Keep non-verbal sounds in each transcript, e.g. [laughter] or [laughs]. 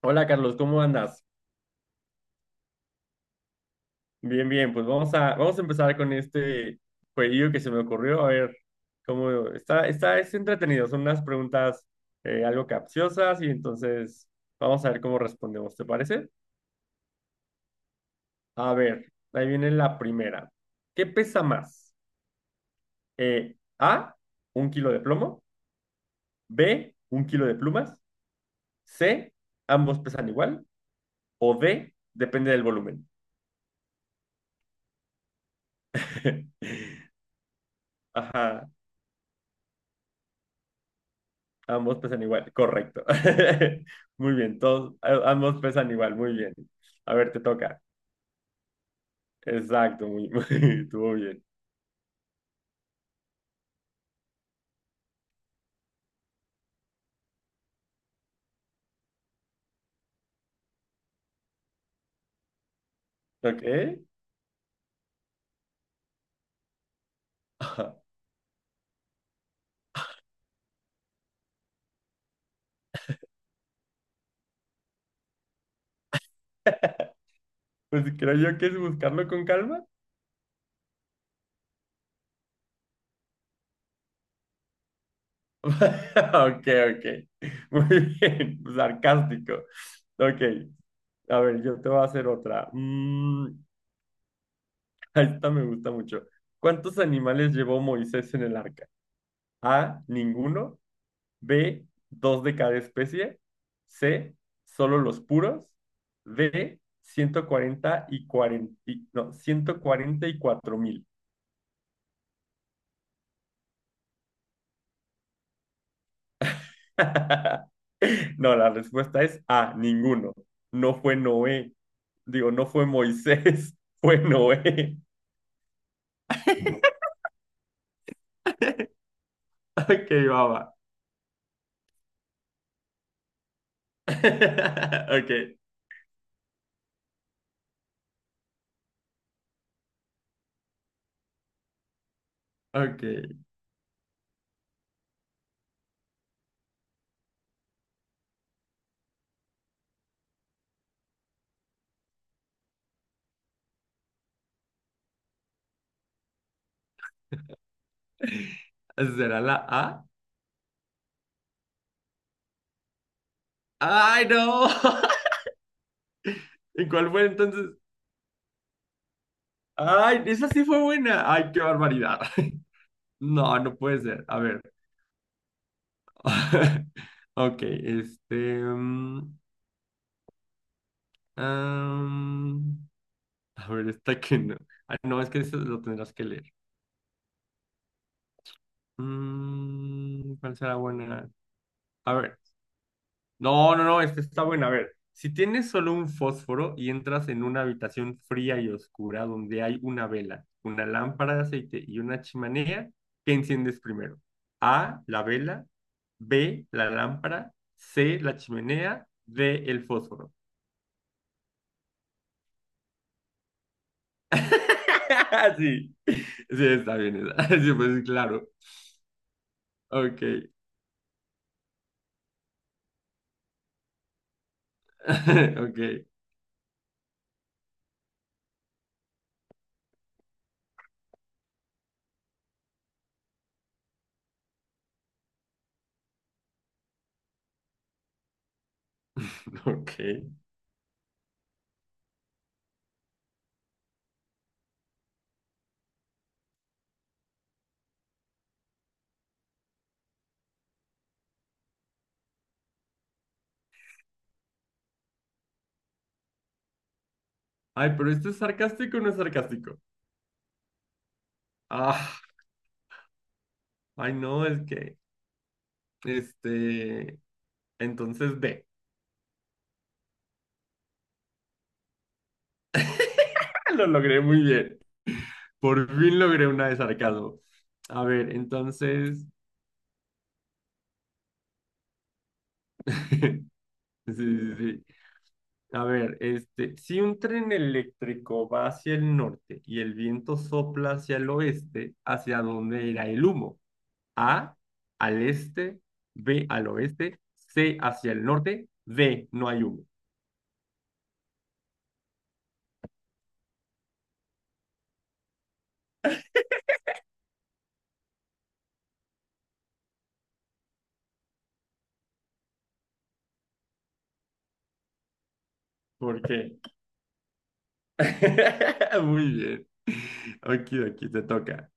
Hola Carlos, ¿cómo andas? Bien, bien, pues vamos a empezar con este jueguillo que se me ocurrió. A ver, cómo está, es entretenido, son unas preguntas algo capciosas y entonces vamos a ver cómo respondemos, ¿te parece? A ver, ahí viene la primera. ¿Qué pesa más? A, un kilo de plomo, B, un kilo de plumas, C, ambos pesan igual, o D, depende del volumen. [laughs] Ajá. Ambos pesan igual, correcto. [laughs] Muy bien, todos, ambos pesan igual, muy bien. A ver, te toca. Exacto, muy, [laughs] muy, estuvo bien. Ok. [laughs] Ajá. Pues creo yo que es buscarlo con calma. [laughs] Ok, ok. Muy bien, [laughs] sarcástico. Ok, a ver, yo te voy a hacer otra. [laughs] Esta me gusta mucho. ¿Cuántos animales llevó Moisés en el arca? A, ninguno. B, dos de cada especie. C, solo los puros. D, 140 y 40 y- no, 144 mil. [laughs] No, la respuesta es A, ninguno. No fue Noé. Digo, no fue Moisés, [laughs] fue Noé. [laughs] Ok, baba. [laughs] Ok, ok. ¿Será la A? ¡Ay, no! [laughs] ¿Y cuál fue entonces? ¡Ay, esa sí fue buena! ¡Ay, qué barbaridad! [laughs] No, no puede ser. A ver. [laughs] Ok, este. mm, am, a ver, esta que no. Ah, no, es que eso lo tendrás que leer. ¿Cuál será buena? A ver. No, no, no, esta está buena. A ver, si tienes solo un fósforo y entras en una habitación fría y oscura donde hay una vela, una lámpara de aceite y una chimenea, ¿qué enciendes primero? A, la vela, B, la lámpara, C, la chimenea, D, el fósforo. [laughs] Sí, sí, está bien. Esa. [laughs] Sí, pues claro. Ok, [laughs] ok, [laughs] ok. Ay, pero ¿esto es sarcástico o no es sarcástico? Ah, ay, no, es que... Este, entonces B. ¡Ah! [laughs] Lo logré muy bien. Por fin logré una de sarcasmo. A ver, entonces. [laughs] Sí, sí, sí. A ver, este, si un tren eléctrico va hacia el norte y el viento sopla hacia el oeste, ¿hacia dónde irá el humo? A, al este, B, al oeste, C, hacia el norte, D, no hay humo. ¿Por qué? [laughs] Muy bien. Aquí te toca.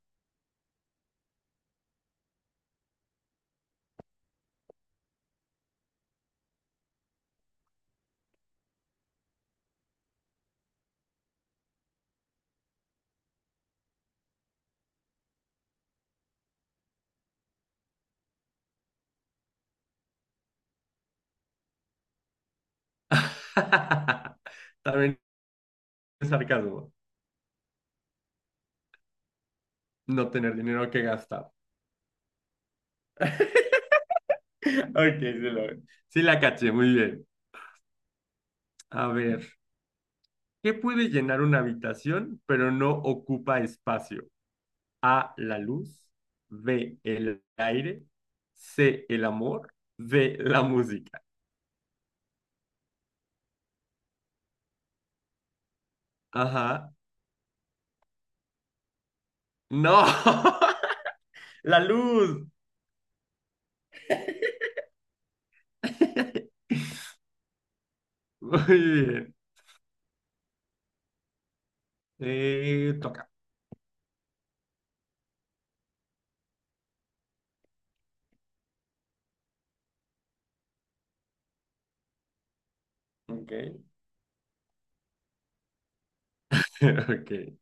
[laughs] También es sarcasmo. No tener dinero que gastar. [laughs] Ok, sí, sí la caché, muy bien. A ver, ¿qué puede llenar una habitación pero no ocupa espacio? A, la luz, B, el aire, C, el amor, D, la música. Ajá. No, [laughs] la luz. [laughs] Muy bien. Toca. Ok. [laughs] Ok.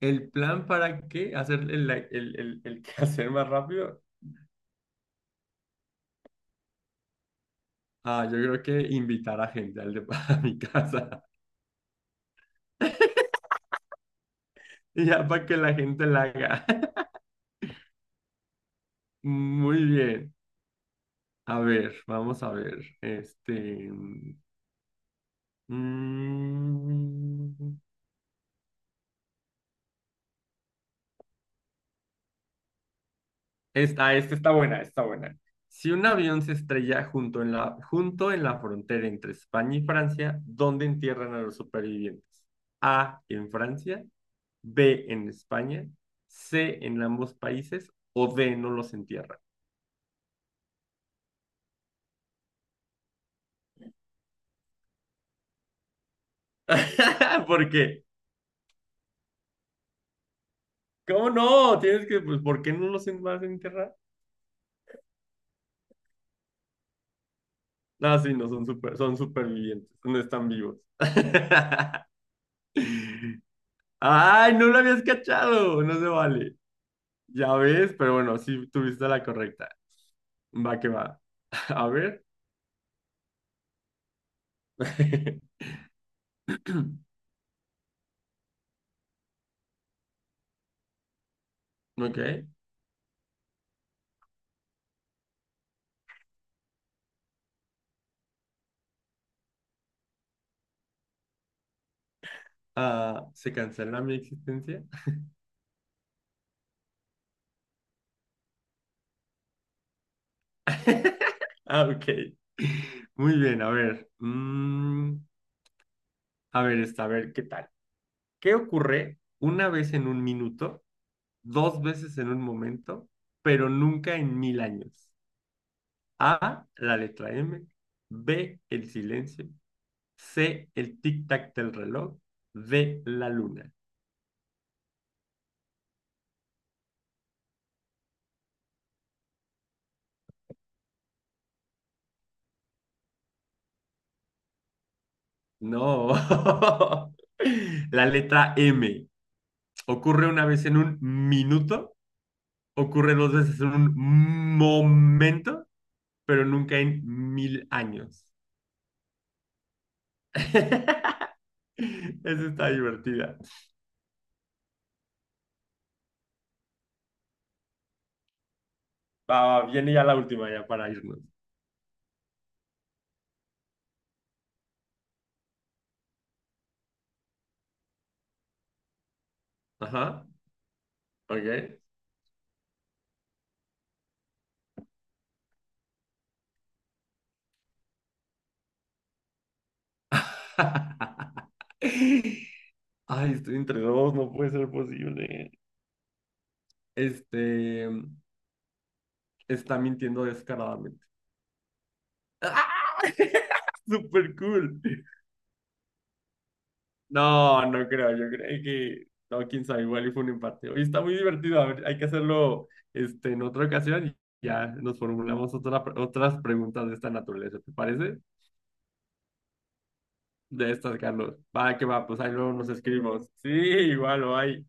El plan para qué hacer el [laughs] quehacer más rápido, ah, yo creo que invitar a gente [laughs] a mi casa, y ya para que la gente la haga. [laughs] Muy bien. A ver, vamos a ver. Este. mm, esta está buena, está buena. Si un avión se estrella junto en la frontera entre España y Francia, ¿dónde entierran a los supervivientes? A, en Francia, B en España, C en ambos países o D no los entierran. [laughs] ¿Por qué? ¿Cómo no? Tienes que, pues, ¿por qué no los vas a enterrar? Ah, sí, no, son supervivientes, no están vivos. [laughs] Ay, no lo habías cachado, no se vale. Ya ves, pero bueno, sí tuviste la correcta. Va que va. [laughs] A ver. [clears throat] [laughs] Ok. Ah, ¿se cancela mi existencia? [laughs] Ah, ok. Muy bien, a ver. A ver, esta, a ver, ¿qué tal? ¿Qué ocurre una vez en un minuto, dos veces en un momento, pero nunca en mil años? A, la letra M. B, el silencio. C, el tic-tac del reloj. D, la luna. No. [laughs] La letra M. Ocurre una vez en un minuto, ocurre dos veces en un momento pero nunca en mil años. [laughs] Esa está divertida. Va, va, viene ya la última, ya para irnos. Ajá, ok. [laughs] Ay, estoy entre dos, no puede ser posible. Este, está mintiendo descaradamente. ¡Ah! [laughs] Super cool. No, no creo, yo creo que, no, quién sabe, igual y fue un empate. Hoy está muy divertido, a ver, hay que hacerlo este, en otra ocasión y ya nos formulamos otras preguntas de esta naturaleza, ¿te parece? De estas, Carlos. Va, que va, pues ahí luego nos escribimos. Sí, igual, o hay.